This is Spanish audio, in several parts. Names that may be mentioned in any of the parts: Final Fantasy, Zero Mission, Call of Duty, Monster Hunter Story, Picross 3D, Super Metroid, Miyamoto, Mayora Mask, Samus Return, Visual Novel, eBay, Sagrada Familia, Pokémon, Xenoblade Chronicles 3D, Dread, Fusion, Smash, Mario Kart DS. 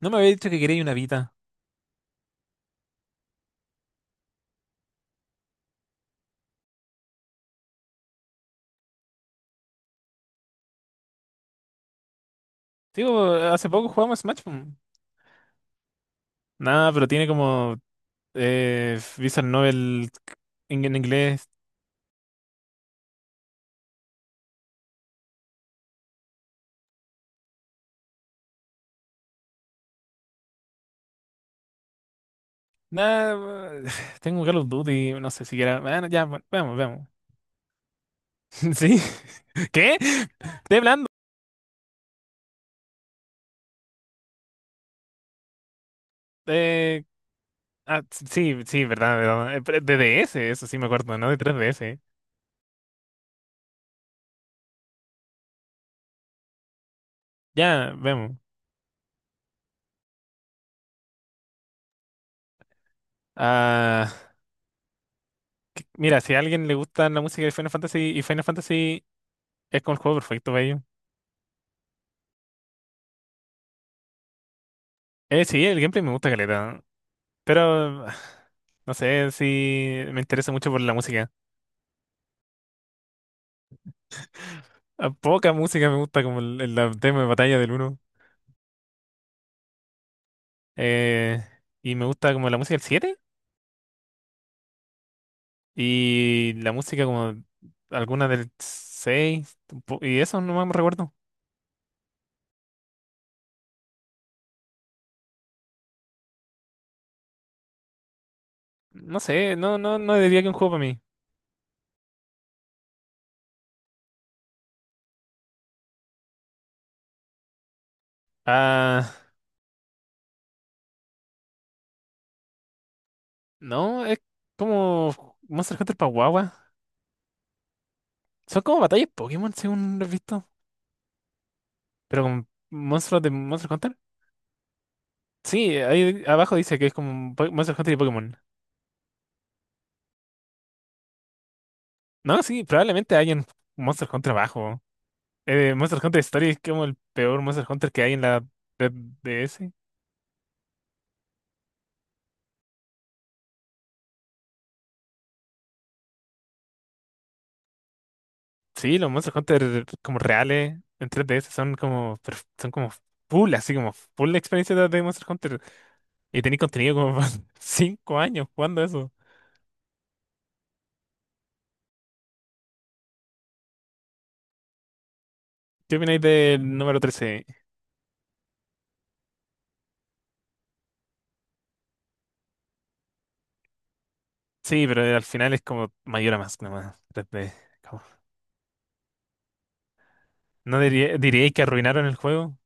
No me había dicho que quería una Vita. Digo, hace poco jugamos Smash po. Nada, pero tiene como Visual Novel en inglés. Nada, tengo Call of Duty, no sé siquiera. Bueno, ya, bueno, veamos, veamos. ¿Sí? ¿Qué? Estoy hablando. Eh, sí, sí, verdad, verdad. Pero De DS, eso sí me acuerdo, ¿no? De 3DS. Ya, vemos. Ah, Mira, si a alguien le gusta la música de Final Fantasy y Final Fantasy es como el juego perfecto para ello. Sí, el gameplay me gusta caleta. Pero no sé si me interesa mucho por la música. A poca música me gusta como el tema de batalla del uno. Eh, y me gusta como la música del 7 y la música como alguna del 6 Y eso no me recuerdo. No sé, no, no, no diría que un juego para mí. Ah, no, es como Monster Hunter para guagua. Son como batallas Pokémon, según lo he visto. Pero con monstruos de Monster Hunter. Sí, ahí abajo dice que es como un Monster Hunter y Pokémon. No, sí, probablemente hay en Monster Hunter abajo. Monster Hunter Story es como el peor Monster Hunter que hay en la red D S. Sí, los Monster Hunter como reales en 3DS son como, son como full, así como full experiencia de Monster Hunter. Y tenéis contenido como para 5 años jugando eso. ¿Qué opináis del número trece? Sí, pero al final es como Mayor a más nomás. 3D. como- ¿No diría- Diríais que arruinaron el juego?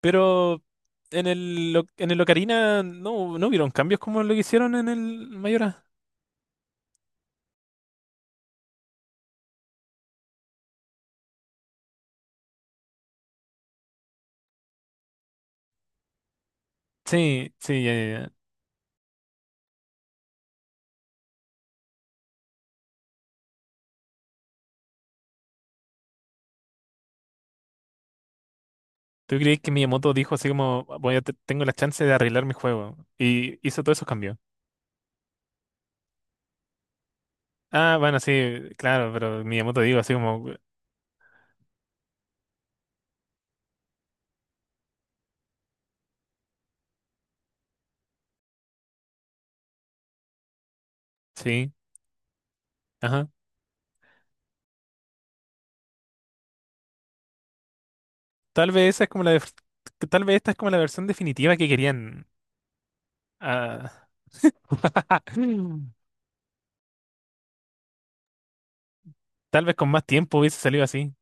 Pero en el, en el Ocarina no, no hubieron cambios como lo que hicieron en el Mayora. Sí, sí, ya, ya, ya. ¿Tú crees que Miyamoto dijo así como, voy a tengo la chance de arreglar mi juego? Y hizo todos esos cambios. Ah, bueno, sí, claro, pero Miyamoto dijo así como, sí, ajá. Tal vez esa es como la, tal vez esta es como la versión definitiva que querían. Ah, Mm. Tal vez con más tiempo hubiese salido así.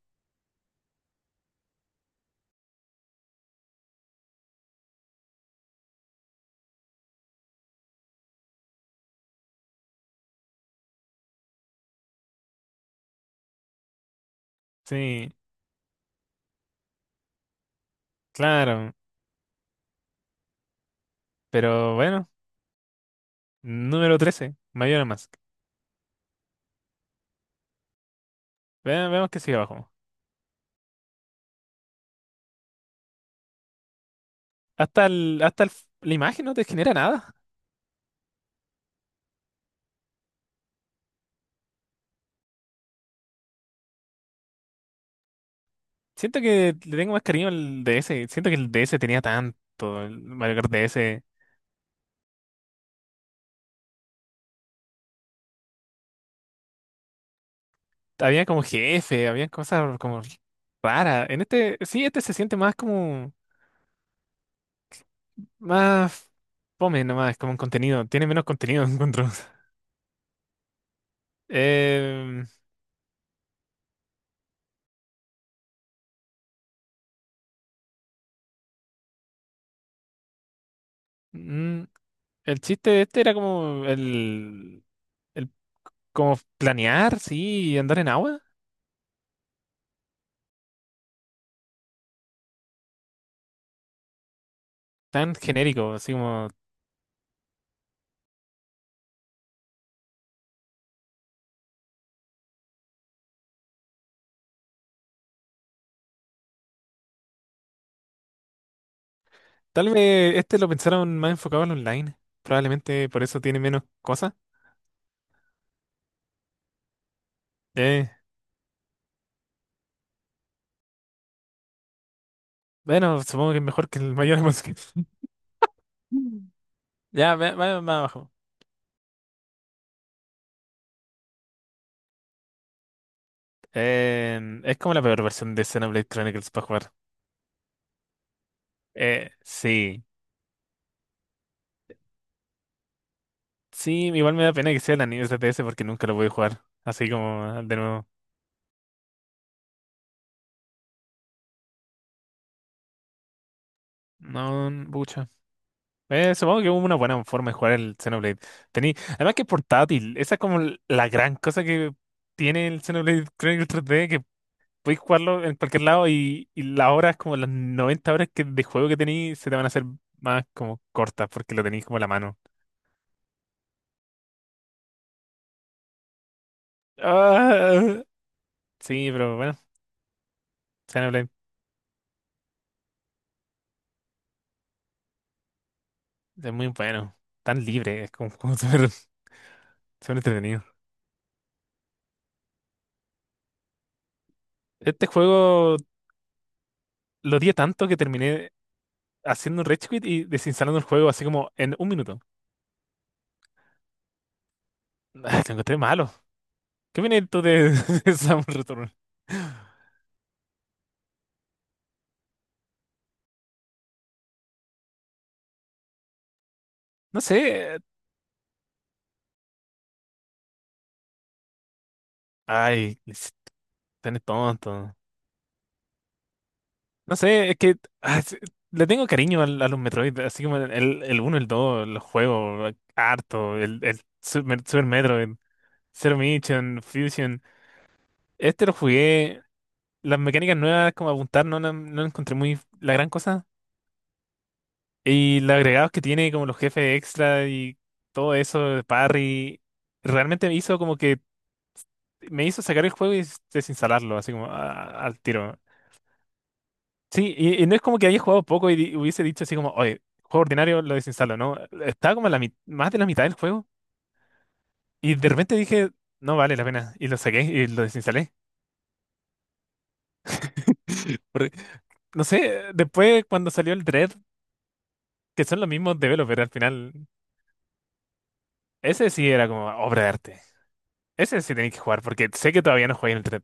Sí, claro, pero bueno, número 13 Mayora Mask. Vemos que sigue abajo. Hasta el la imagen no te genera nada. Siento que le tengo más cariño al DS. Siento que el DS tenía tanto. El Mario Kart DS. Había como jefe, había cosas como raras. En este, sí, este se siente más como. Más fome nomás, como un contenido. Tiene menos contenido, encuentro. Eh, mm, el chiste de este era como el como planear, sí, y andar en agua. Tan genérico, así como. Tal vez este lo pensaron más enfocado al online. Probablemente por eso tiene menos cosas. Eh, bueno, supongo que es mejor que el mayor. Ya, vaya más abajo. Eh, es como la peor versión de Xenoblade Chronicles para jugar. Sí. Sí, igual me da pena que sea el anime TTS porque nunca lo voy a jugar. Así como ah, de nuevo. No, pucha. Supongo que hubo una buena forma de jugar el Xenoblade. Tení, además que es portátil. Esa es como la gran cosa que tiene el Xenoblade Chronicles 3D. Podéis jugarlo en cualquier lado y las horas, como las 90 horas que, de juego que tenéis, se te van a hacer más como cortas porque lo tenéis como en la mano. Ah, sí, pero bueno, Xenoblade es muy bueno. Tan libre, es como, como súper súper entretenido. Este juego lo odié tanto que terminé haciendo un rage quit y desinstalando el juego así como en un minuto. Ah, lo encontré malo. ¿Qué viene tú de, de Samus Return? No sé. Ay, es tan tonto. No sé, es que ah, es- le tengo cariño a los Metroid, así como el uno el 2 los juegos, harto, el Super Metroid, Zero Mission, Fusion. Este lo jugué, las mecánicas nuevas como apuntar no, no, la encontré muy la gran cosa. Y los agregados que tiene, como los jefes extra y todo eso, de parry, realmente me hizo como que me hizo sacar el juego y desinstalarlo, así como ah, al tiro. Sí, y no es como que haya jugado poco y hubiese dicho así como, oye, juego ordinario, lo desinstalo, ¿no? Estaba como a la más de la mitad del juego y de repente dije, no vale la pena, y lo saqué y lo desinstalé. Porque, no sé, después cuando salió el Dread, que son los mismos developers al final, ese sí era como obra de arte. Ese sí tenéis que jugar porque sé que todavía no jugué el Dread.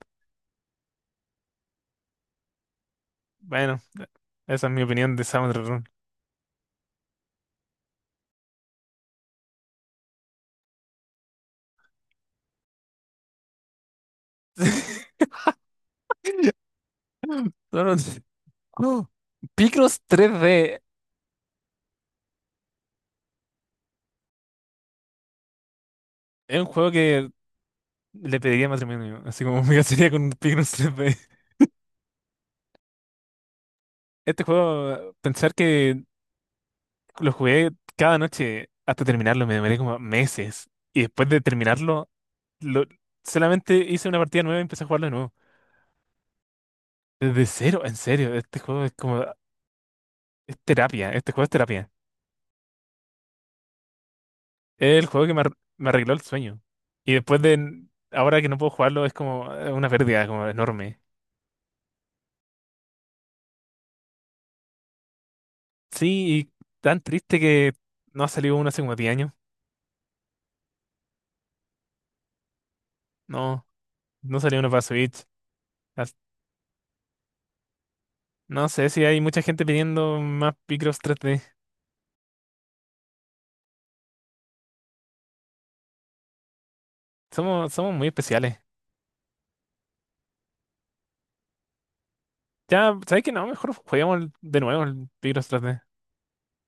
Bueno, esa es mi opinión de Sound Run. No, no, no. Picross 3D es un juego que le pediría matrimonio, así como me casaría con un pigno. Este juego, pensar que lo jugué cada noche hasta terminarlo, me demoré como meses. Y después de terminarlo, lo- solamente hice una partida nueva y empecé a jugarlo de nuevo. Desde cero, en serio, este juego es como, es terapia, este juego es terapia. Es el juego que me, me arregló el sueño. Y después de, ahora que no puedo jugarlo, es como una pérdida como enorme. Sí, y tan triste que no ha salido uno hace como 10 años. No, no salió uno para Switch. No sé si hay mucha gente pidiendo más Picross 3D. Somos, somos muy especiales. Ya, ¿sabes qué? No, mejor juguemos de nuevo el Picross 3D.